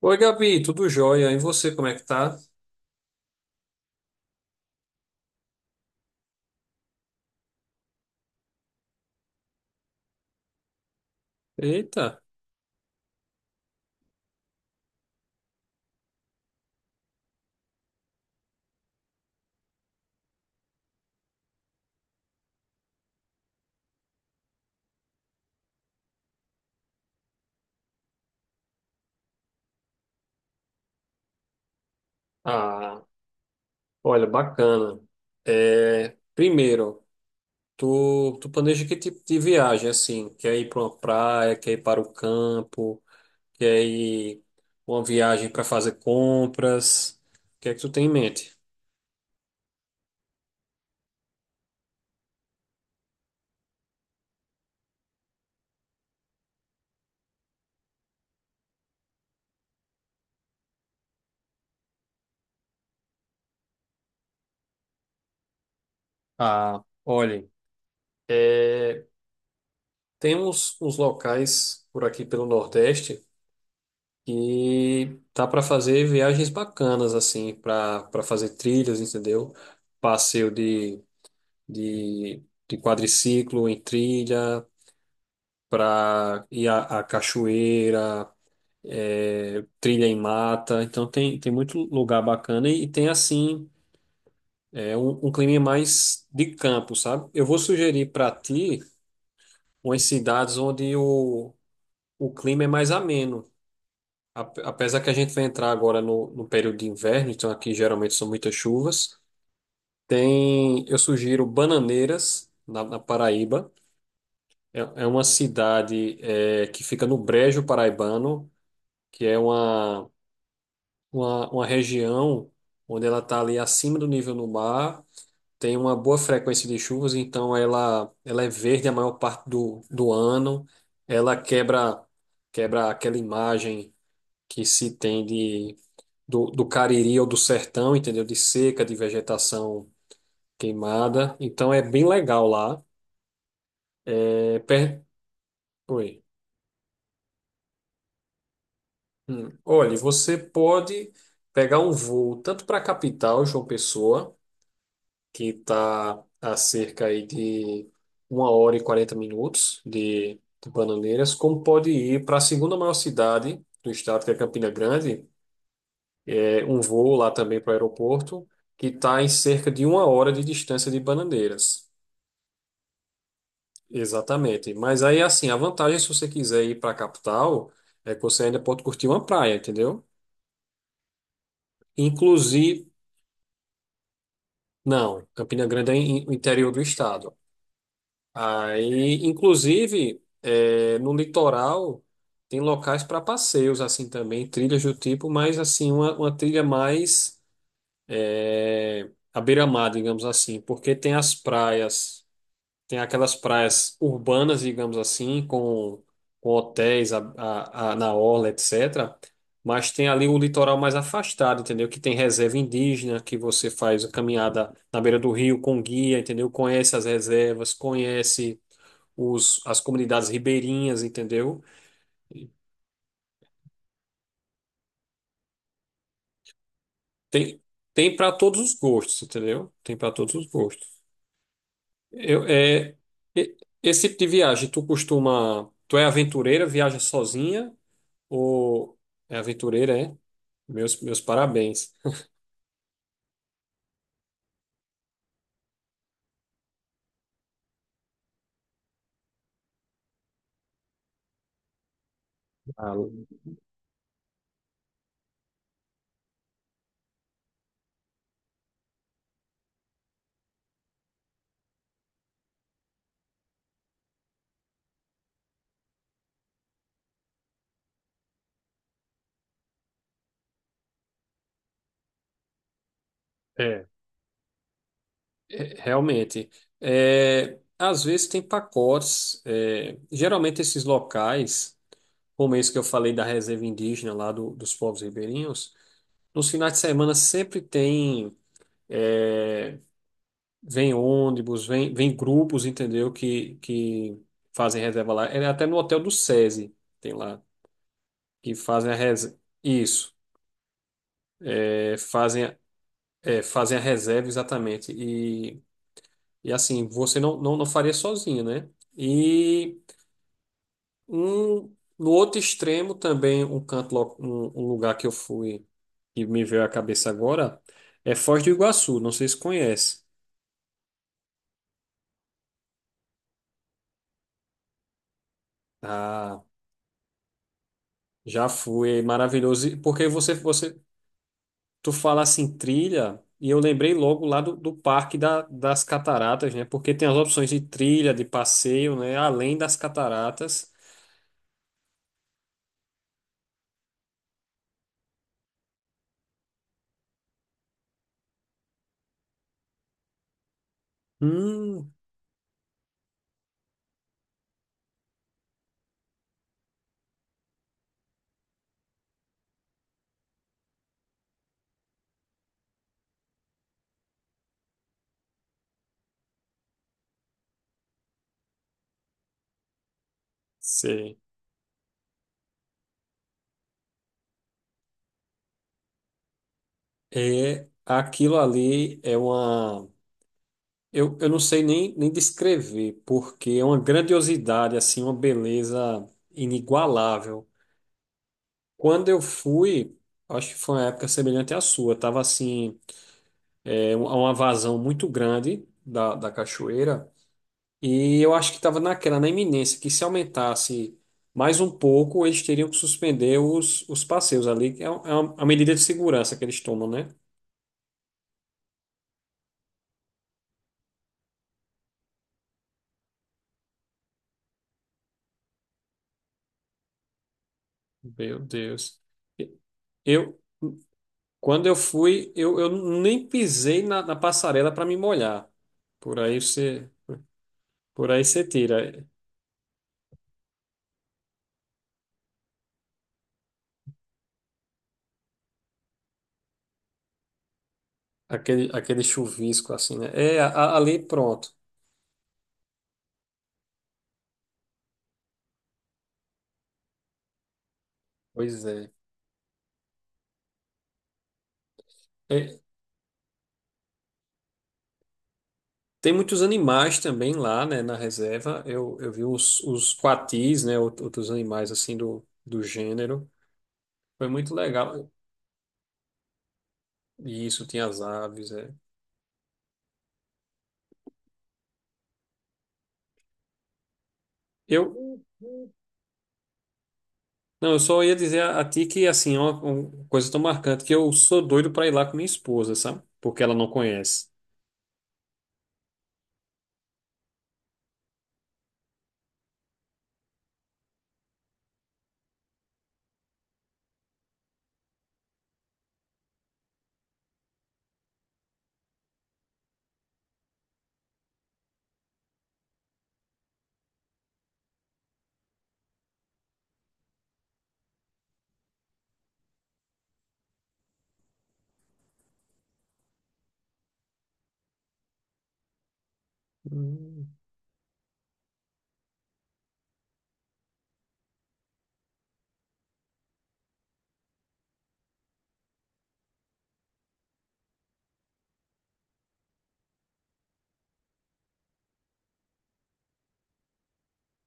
Oi, Gabi, tudo jóia? E você, como é que tá? Eita! Ah, olha, bacana. É, primeiro, tu planeja que tipo de viagem, assim? Quer ir para uma praia, quer ir para o campo, quer ir uma viagem para fazer compras? O que é que tu tem em mente? Ah, olha, é, temos uns locais por aqui pelo Nordeste e tá para fazer viagens bacanas, assim, para fazer trilhas, entendeu? Passeio de quadriciclo em trilha, para ir à cachoeira, é, trilha em mata. Então tem muito lugar bacana e, tem, assim, é, um clima mais de campo, sabe? Eu vou sugerir para ti umas cidades onde o clima é mais ameno. Apesar que a gente vai entrar agora no período de inverno, então aqui geralmente são muitas chuvas. Tem, eu sugiro Bananeiras, na Paraíba. É uma cidade é, que fica no Brejo Paraibano, que é uma região onde ela está ali acima do nível do mar, tem uma boa frequência de chuvas, então ela é verde a maior parte do ano. Ela quebra aquela imagem que se tem de do Cariri ou do sertão, entendeu? De seca, de vegetação queimada. Então é bem legal lá. É, per... Oi. Hum. Olha, você pode pegar um voo tanto para a capital, João Pessoa, que está a cerca aí de uma hora e 40 minutos de Bananeiras, como pode ir para a segunda maior cidade do estado, que é Campina Grande, é um voo lá também para o aeroporto, que está em cerca de uma hora de distância de Bananeiras. Exatamente. Mas aí, assim, a vantagem, se você quiser ir para a capital, é que você ainda pode curtir uma praia, entendeu? Inclusive, não, Campina Grande é o interior do estado. Aí, inclusive, é, no litoral, tem locais para passeios, assim, também, trilhas do tipo, mas, assim, uma trilha mais é, à beira-mar, digamos assim, porque tem as praias. Tem aquelas praias urbanas, digamos assim, com hotéis na orla, etc. Mas tem ali o litoral mais afastado, entendeu? Que tem reserva indígena, que você faz a caminhada na beira do rio com guia, entendeu? Conhece as reservas, conhece as comunidades ribeirinhas, entendeu? Tem, tem para todos os gostos, entendeu? Tem para todos os gostos. Eu, é, e- Esse tipo de viagem, tu costuma. Tu é aventureira, viaja sozinha? O É aventureira, é? Meus parabéns. Ah, é. É, realmente. É, às vezes tem pacotes. É, geralmente esses locais, como esse que eu falei da reserva indígena lá dos povos ribeirinhos, nos finais de semana sempre tem. É, vem ônibus, vem grupos, entendeu? Que fazem reserva lá. É até no hotel do SESI tem lá, que fazem a reserva. Isso. É, fazem. É, fazem a reserva exatamente. E assim, você não faria sozinho, né? E no outro extremo também, um canto, um lugar que eu fui e me veio à cabeça agora é Foz do Iguaçu. Não sei se conhece. Ah, já fui, é maravilhoso. E porque tu fala assim, trilha, e eu lembrei logo lá do Parque das Cataratas, né? Porque tem as opções de trilha, de passeio, né? Além das cataratas. Hum, sei. É, aquilo ali é uma. Eu não sei nem descrever, porque é uma grandiosidade, assim, uma beleza inigualável. Quando eu fui, acho que foi uma época semelhante à sua, tava assim, é, uma vazão muito grande da cachoeira, e eu acho que estava naquela, na iminência, que se aumentasse mais um pouco, eles teriam que suspender os passeios ali, que é, é uma medida de segurança que eles tomam, né? Meu Deus. Eu, Quando eu fui, eu nem pisei na passarela para me molhar. Por aí você, por aí você tira aquele chuvisco assim, né? É, ali pronto. Pois é. É, tem muitos animais também lá, né, na reserva. Eu vi os quatis, né, outros animais assim do gênero. Foi muito legal. Isso, tinha as aves, é. Eu, não, eu só ia dizer a ti que, assim, é uma coisa tão marcante que eu sou doido para ir lá com minha esposa, sabe? Porque ela não conhece. Hum,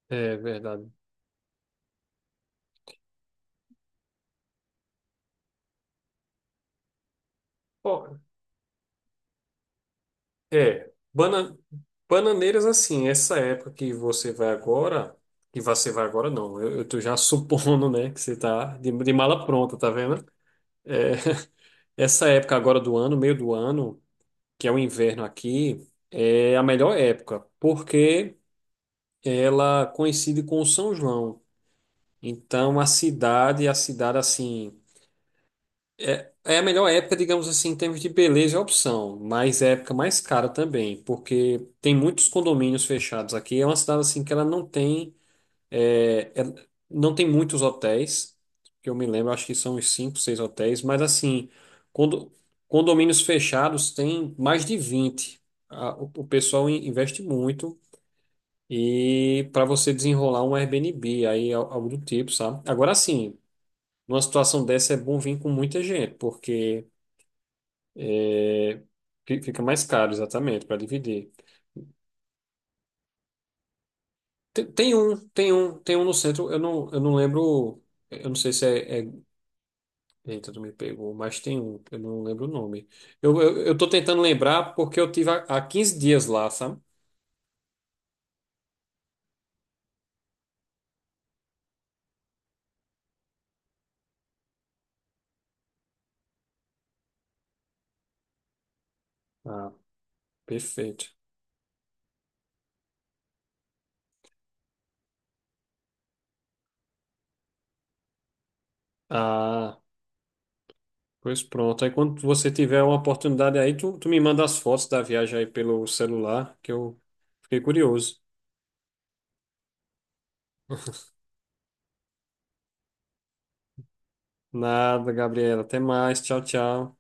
É verdade. Ó, é, Bananeiras assim, essa época que você vai agora, que você vai agora não, eu tô já supondo, né, que você tá de mala pronta, tá vendo? É, essa época agora do ano, meio do ano, que é o inverno aqui, é a melhor época, porque ela coincide com o São João. Então a cidade assim, é a melhor época, digamos assim, em termos de beleza e opção, mas é a época mais cara também, porque tem muitos condomínios fechados aqui. É uma cidade assim que ela não tem, é, ela não tem muitos hotéis, que eu me lembro, acho que são uns 5, 6 hotéis, mas assim, condo- condomínios fechados tem mais de 20. O pessoal investe muito e para você desenrolar um Airbnb, aí algo do tipo, sabe? Agora sim, numa situação dessa é bom vir com muita gente, porque é, fica mais caro, exatamente, para dividir. Tem um no centro, eu não lembro, eu não sei se é. Eita, tu me pegou, mas tem um, eu não lembro o nome. Eu tô tentando lembrar porque eu tive há 15 dias lá, sabe? Ah, perfeito. Ah, pois pronto. Aí quando você tiver uma oportunidade aí, tu me manda as fotos da viagem aí pelo celular, que eu fiquei curioso. Nada, Gabriela. Até mais. Tchau, tchau.